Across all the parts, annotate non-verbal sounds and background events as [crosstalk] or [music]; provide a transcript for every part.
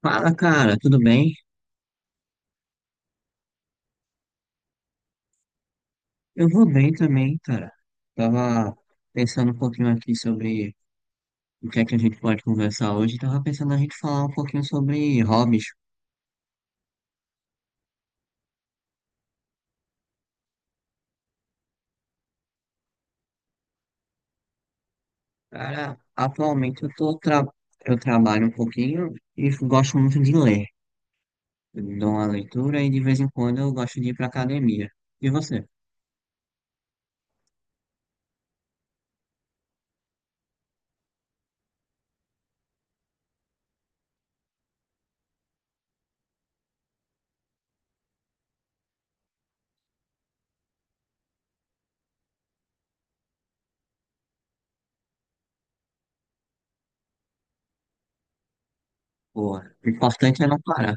Fala, cara, tudo bem? Eu vou bem também, cara. Tava pensando um pouquinho aqui sobre o que é que a gente pode conversar hoje. Tava pensando a gente falar um pouquinho sobre hobbies. Cara, atualmente eu trabalho um pouquinho e gosto muito de ler. Eu dou uma leitura e de vez em quando eu gosto de ir pra academia. E você? Pô, o importante é não parar.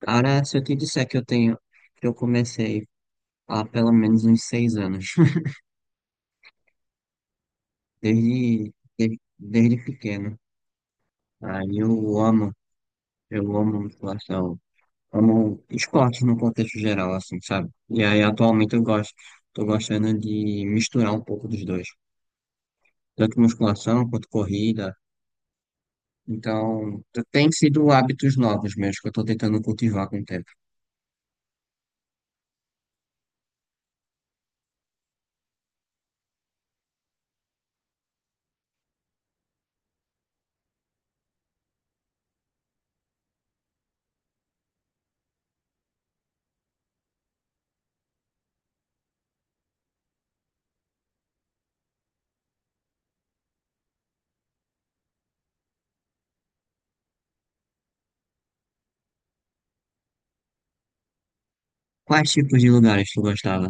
Cara, se eu te disser que eu tenho, que eu comecei há pelo menos uns seis anos, [laughs] desde, desde pequeno. Aí eu amo, eu amo musculação, amo esporte no contexto geral, assim, sabe? E aí tô gostando de misturar um pouco dos dois, tanto musculação quanto corrida. Então, tem sido hábitos novos meus que eu tô tentando cultivar com o tempo. Quais tipos de lugares tu gostava?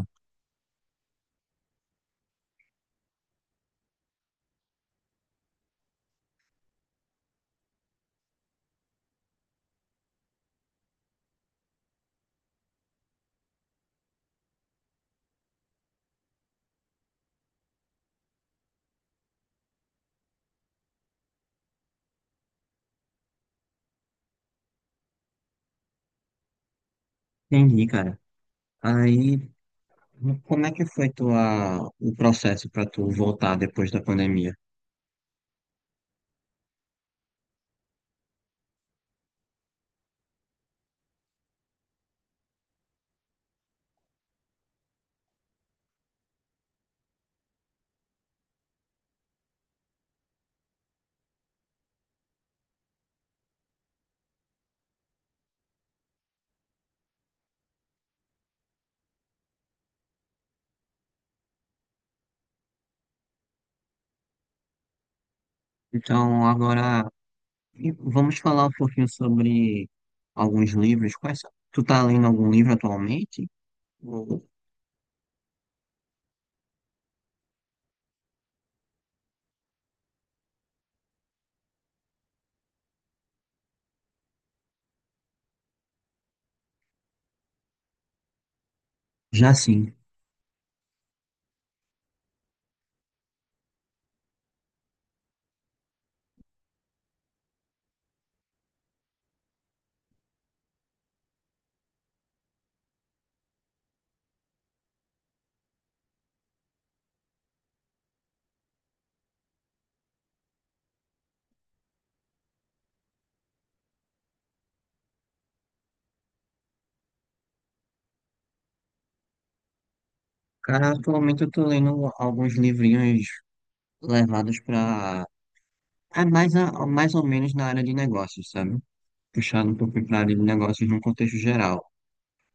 Entendi, cara. Aí, como é que foi tua, o processo para tu voltar depois da pandemia? Então, agora e vamos falar um pouquinho sobre alguns livros. Quais são? Tu tá lendo algum livro atualmente? Ou- Já sim. Cara, atualmente eu tô lendo alguns livrinhos levados pra. É mais, mais ou menos na área de negócios, sabe? Puxado um pouco pra área de negócios num contexto geral.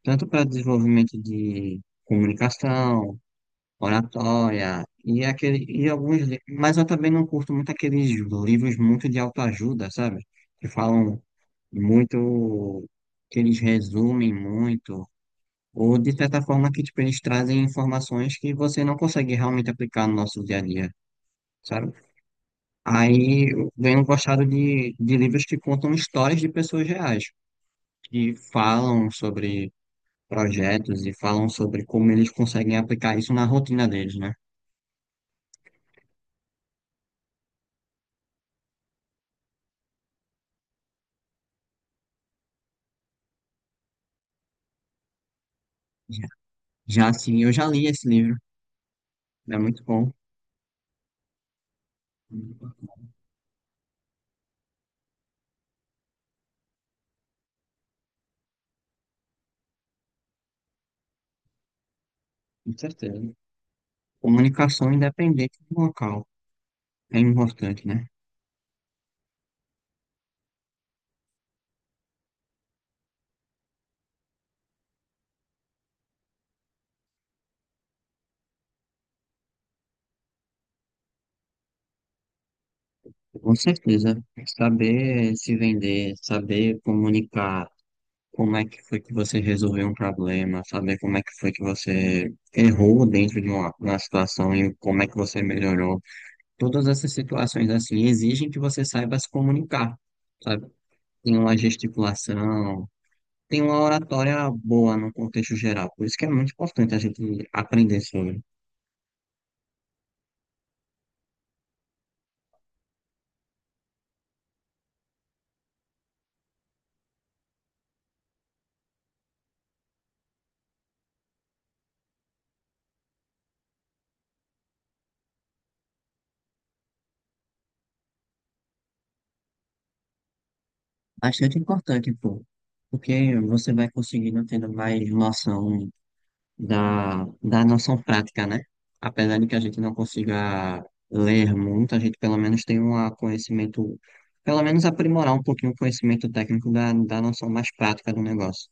Tanto para desenvolvimento de comunicação, oratória, e, aquele, e alguns. Li- mas eu também não curto muito aqueles livros muito de autoajuda, sabe? Que falam. Muito Que eles resumem muito, ou de certa forma que tipo, eles trazem informações que você não consegue realmente aplicar no nosso dia a dia, sabe? Aí eu venho gostado de livros que contam histórias de pessoas reais, que falam sobre projetos e falam sobre como eles conseguem aplicar isso na rotina deles, né? Já, já assim, eu já li esse livro, é muito bom, com certeza. Comunicação independente do local é importante, né? Com certeza, saber se vender, saber comunicar como é que foi que você resolveu um problema, saber como é que foi que você errou dentro de uma situação e como é que você melhorou. Todas essas situações assim exigem que você saiba se comunicar, sabe? Tem uma gesticulação, tem uma oratória boa no contexto geral. Por isso que é muito importante a gente aprender sobre. Bastante importante, pô. Porque você vai conseguindo tendo mais noção da noção prática, né? Apesar de que a gente não consiga ler muito, a gente pelo menos tem um conhecimento, pelo menos aprimorar um pouquinho o conhecimento técnico da noção mais prática do negócio.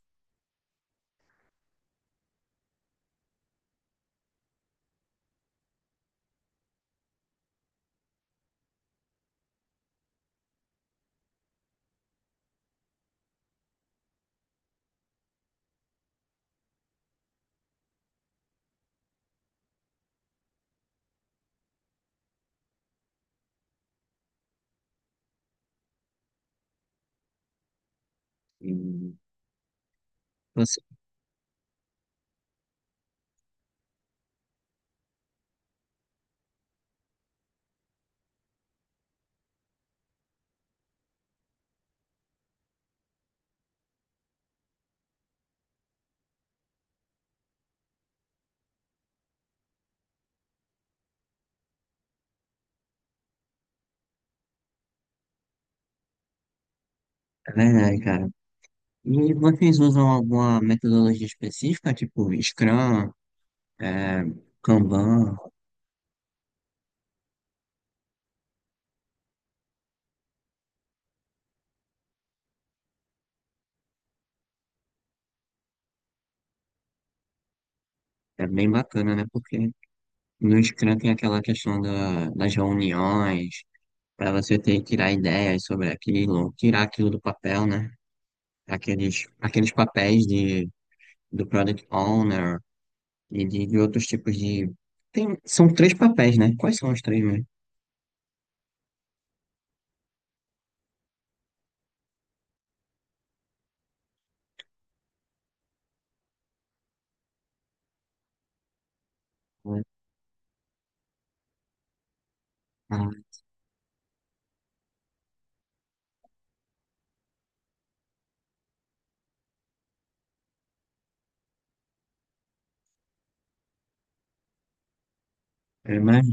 E você, é verdade, cara. E vocês usam alguma metodologia específica, tipo Scrum, é, Kanban? É bem bacana, né? Porque no Scrum tem aquela questão das reuniões, para você ter que tirar ideias sobre aquilo, tirar aquilo do papel, né? Aqueles papéis do Product Owner e de outros tipos de. Tem, são três papéis, né? Quais são os três mesmo? Ah, mas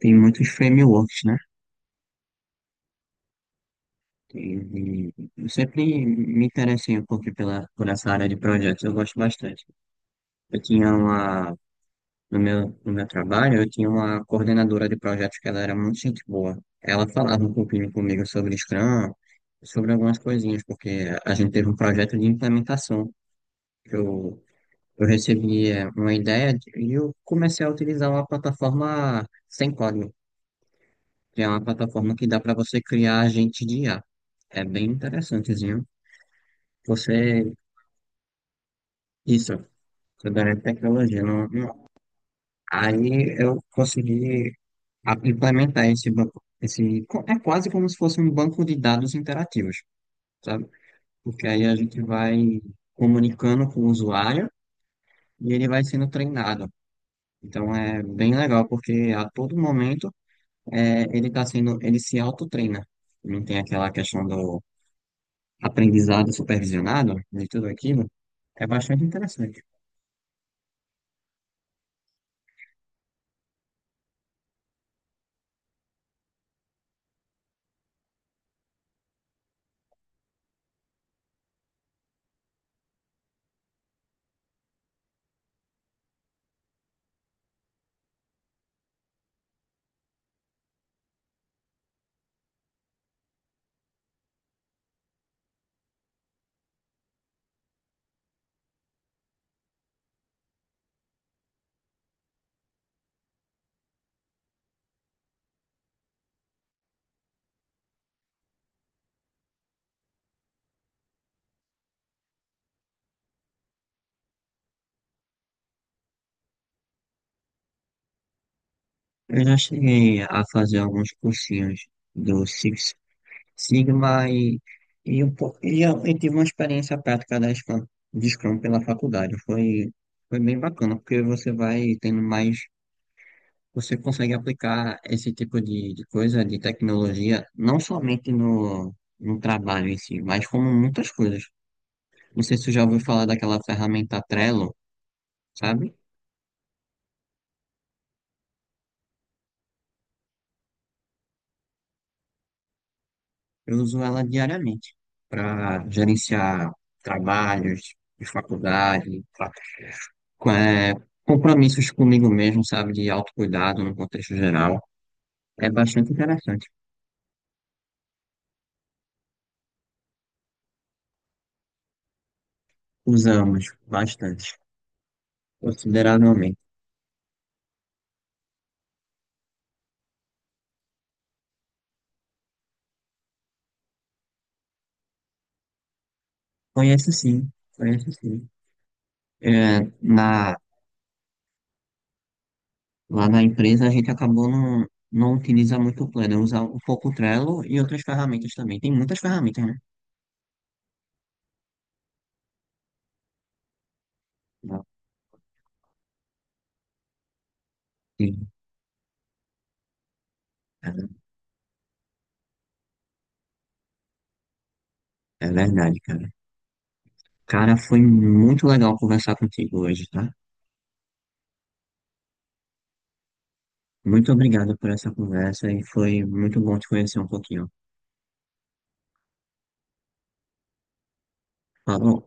tem muitos frameworks, né? E, e eu sempre me interessei um pouco por essa área de projetos, eu gosto bastante. Eu tinha uma. No meu trabalho, eu tinha uma coordenadora de projetos que ela era muito gente boa. Ela falava um pouquinho comigo sobre Scrum, sobre algumas coisinhas, porque a gente teve um projeto de implementação que eu recebi uma e eu comecei a utilizar uma plataforma sem código, que é uma plataforma que dá para você criar agente de IA. É bem interessantezinho. Você, isso, sobre tecnologia. Aí eu consegui implementar esse banco, é quase como se fosse um banco de dados interativos, sabe? Porque aí a gente vai comunicando com o usuário e ele vai sendo treinado. Então é bem legal, porque a todo momento ele se autotreina. Não tem aquela questão do aprendizado supervisionado, de tudo aquilo. É bastante interessante. Eu já cheguei a fazer alguns cursinhos do Six Sigma eu tive uma experiência prática de Scrum pela faculdade. Foi bem bacana, porque você vai tendo mais, você consegue aplicar esse tipo de coisa, de tecnologia, não somente no trabalho em si, mas como muitas coisas. Não sei se tu já ouviu falar daquela ferramenta Trello, sabe? Eu uso ela diariamente para gerenciar trabalhos de faculdade, com- é, compromissos comigo mesmo, sabe? De autocuidado no contexto geral. É bastante interessante. Usamos bastante, consideravelmente. Conheço sim, conheço sim. É, na, lá na empresa a gente acabou não utiliza muito o Planner, usa um pouco o Trello e outras ferramentas também. Tem muitas ferramentas, né? Sim, cara, é verdade, cara. Cara, foi muito legal conversar contigo hoje, tá? Muito obrigado por essa conversa e foi muito bom te conhecer um pouquinho. Falou.